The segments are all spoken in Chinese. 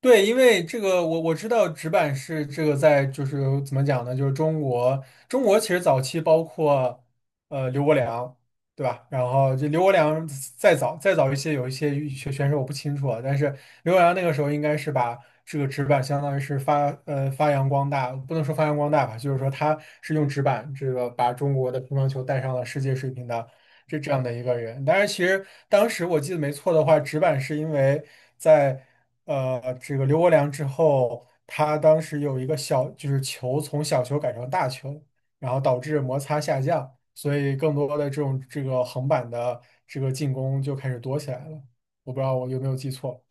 对，因为这个我知道纸板是这个在就是怎么讲呢？就是中国其实早期包括刘国梁，对吧？然后这刘国梁再早再早一些有一些羽选选手我不清楚啊，但是刘国梁那个时候应该是把这个纸板相当于是发扬光大，不能说发扬光大吧，就是说他是用纸板这个把中国的乒乓球带上了世界水平的是这样的一个人。但是其实当时我记得没错的话，直板是因为在这个刘国梁之后，他当时有一个就是球从小球改成大球，然后导致摩擦下降，所以更多的这种这个横板的这个进攻就开始多起来了。我不知道我有没有记错。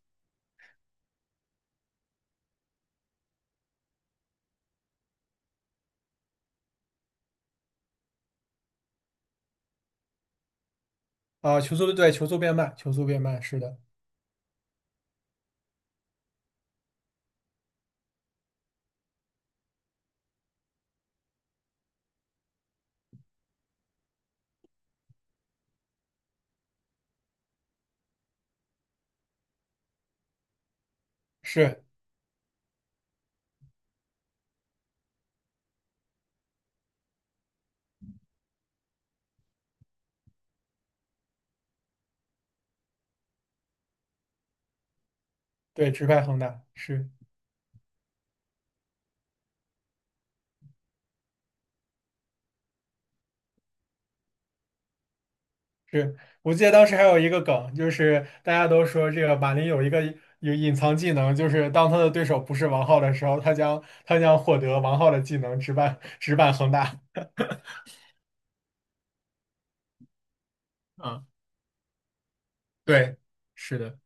啊？球速对，球速变慢，球速变慢，是的。是。对，直拍横打是。是，我记得当时还有一个梗，就是大家都说这个马林有一个有隐藏技能，就是当他的对手不是王浩的时候，他将获得王浩的技能直板直板恒大。啊，对，是的，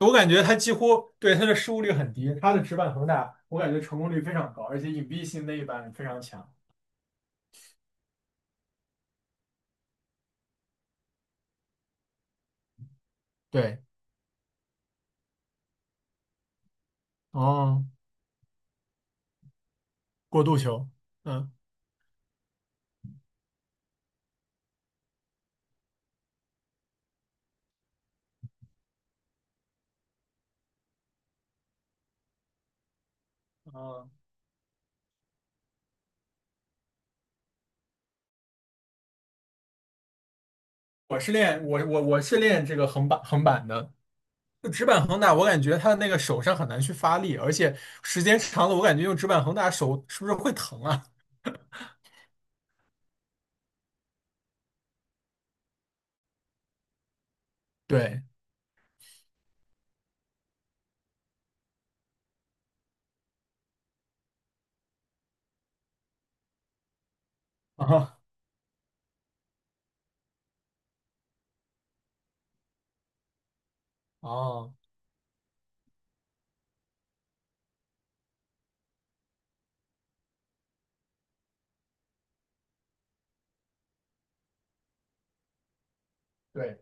我感觉他几乎，对，他的失误率很低，他的直板恒大，我感觉成功率非常高，而且隐蔽性那一板非常强。对，哦，过渡球，嗯。嗯，我是练这个横板的，就直板横打，我感觉他的那个手上很难去发力，而且时间长了，我感觉用直板横打手是不是会疼啊？对 啊，哦，对，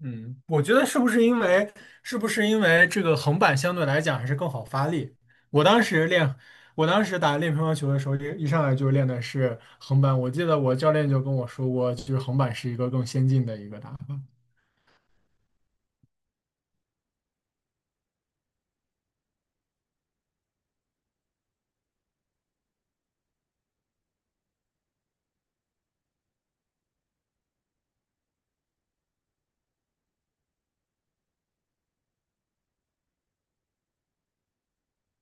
嗯，我觉得是不是因为这个横板相对来讲还是更好发力？我当时练，我当时练乒乓球的时候，一上来就练的是横板。我记得我教练就跟我说过，就是横板是一个更先进的一个打法。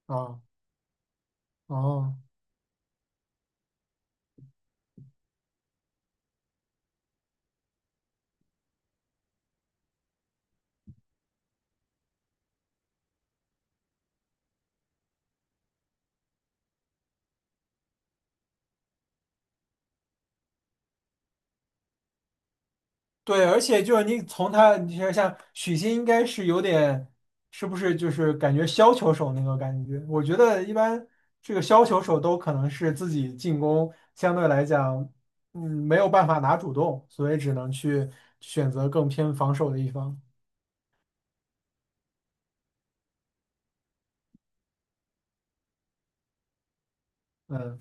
啊，哦，对，而且就是你从他，你像许昕应该是有点，是不是就是感觉削球手那个感觉？我觉得一般这个削球手都可能是自己进攻相对来讲，没有办法拿主动，所以只能去选择更偏防守的一方。嗯，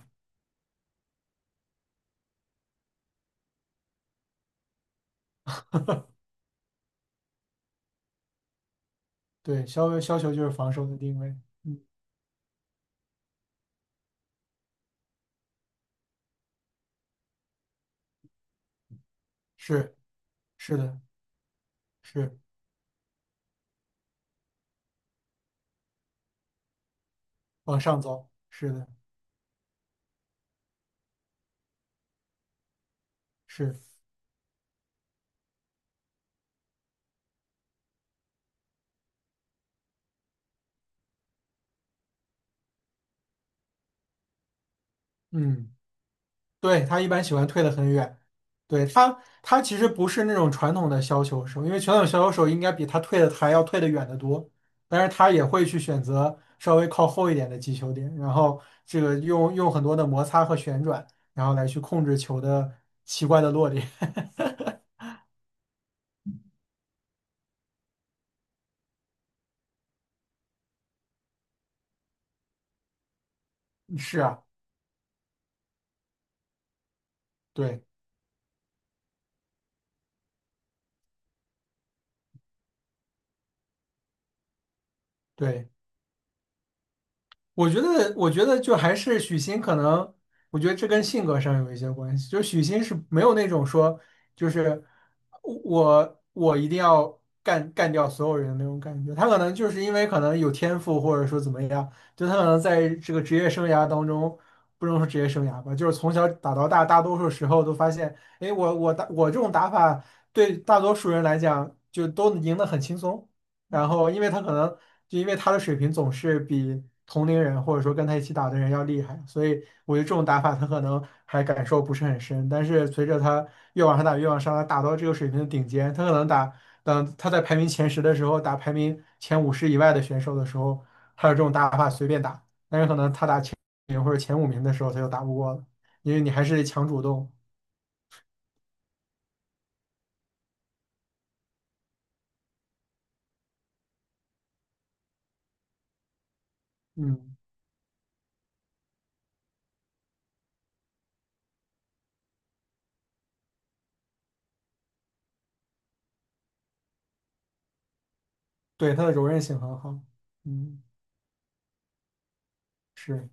对，削球就是防守的定位。嗯，是是的，是，往上走，是的。是。嗯。对，他一般喜欢退得很远，对他，他其实不是那种传统的削球手，因为传统削球手应该比他退的还要退的远得多，但是他也会去选择稍微靠后一点的击球点，然后这个用很多的摩擦和旋转，然后来去控制球的奇怪的落点。是啊，对对。我觉得就还是许昕可能，我觉得这跟性格上有一些关系。就许昕是没有那种说，就是我一定要干掉所有人的那种感觉。他可能就是因为可能有天赋，或者说怎么样，就他可能在这个职业生涯当中，不能说职业生涯吧，就是从小打到大，大多数时候都发现，哎，我打我这种打法对大多数人来讲就都赢得很轻松。然后因为他可能就因为他的水平总是比同龄人或者说跟他一起打的人要厉害，所以我觉得这种打法他可能还感受不是很深。但是随着他越往上打，越往上打，打到这个水平的顶尖，他可能打，等他在排名前十的时候打排名前五十以外的选手的时候，还有这种打法随便打，但是可能他打前名或者前五名的时候他就打不过了，因为你还是得强主动。嗯，对，他的柔韧性很好。嗯，是。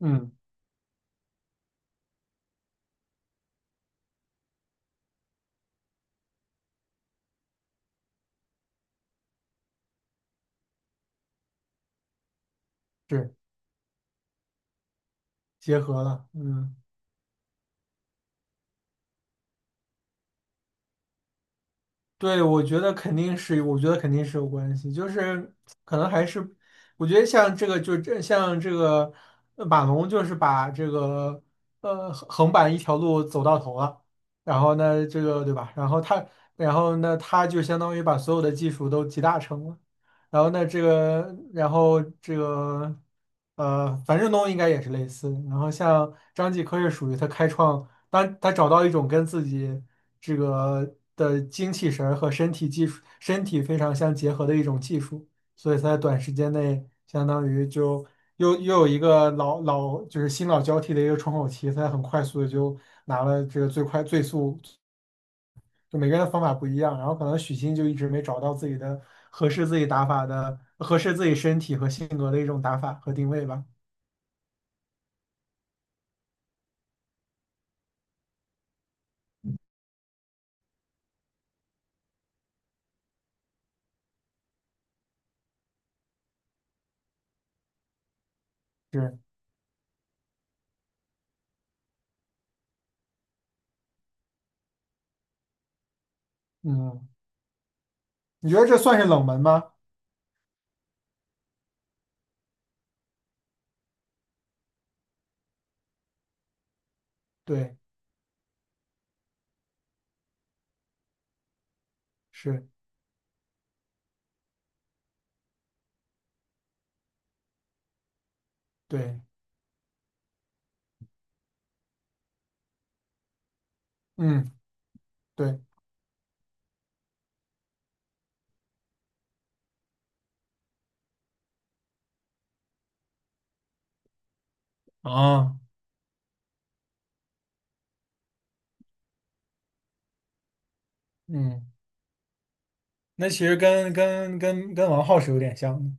嗯，是结合了，嗯。对，我觉得肯定是有关系，就是可能还是，我觉得像这个，马龙，就是把这个横版一条路走到头了，然后呢，这个对吧？然后他，然后呢，他就相当于把所有的技术都集大成了。然后那这个，然后这个，樊振东应该也是类似。然后像张继科是属于他开创，当他找到一种跟自己这个的精气神儿和身体技术、身体非常相结合的一种技术，所以他在短时间内相当于就又有一个就是新老交替的一个窗口期，他很快速的就拿了这个最快最速。就每个人的方法不一样，然后可能许昕就一直没找到自己的合适自己打法的、合适自己身体和性格的一种打法和定位吧。是，嗯，你觉得这算是冷门吗？对，是，对，嗯，对，啊，嗯。那其实跟王浩是有点像的，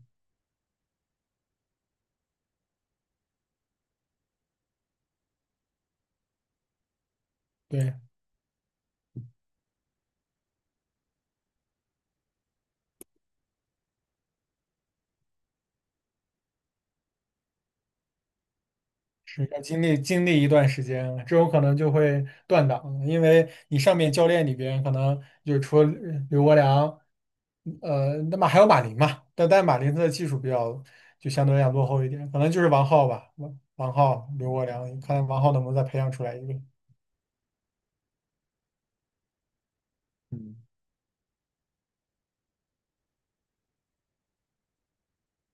对。是要经历经历一段时间，这种可能就会断档，因为你上面教练里边可能就除了刘国梁，那么还有马林嘛，但马林他的技术比较就相对来讲落后一点，可能就是王皓吧，王皓、刘国梁，看王皓能不能再培养出来一个。嗯。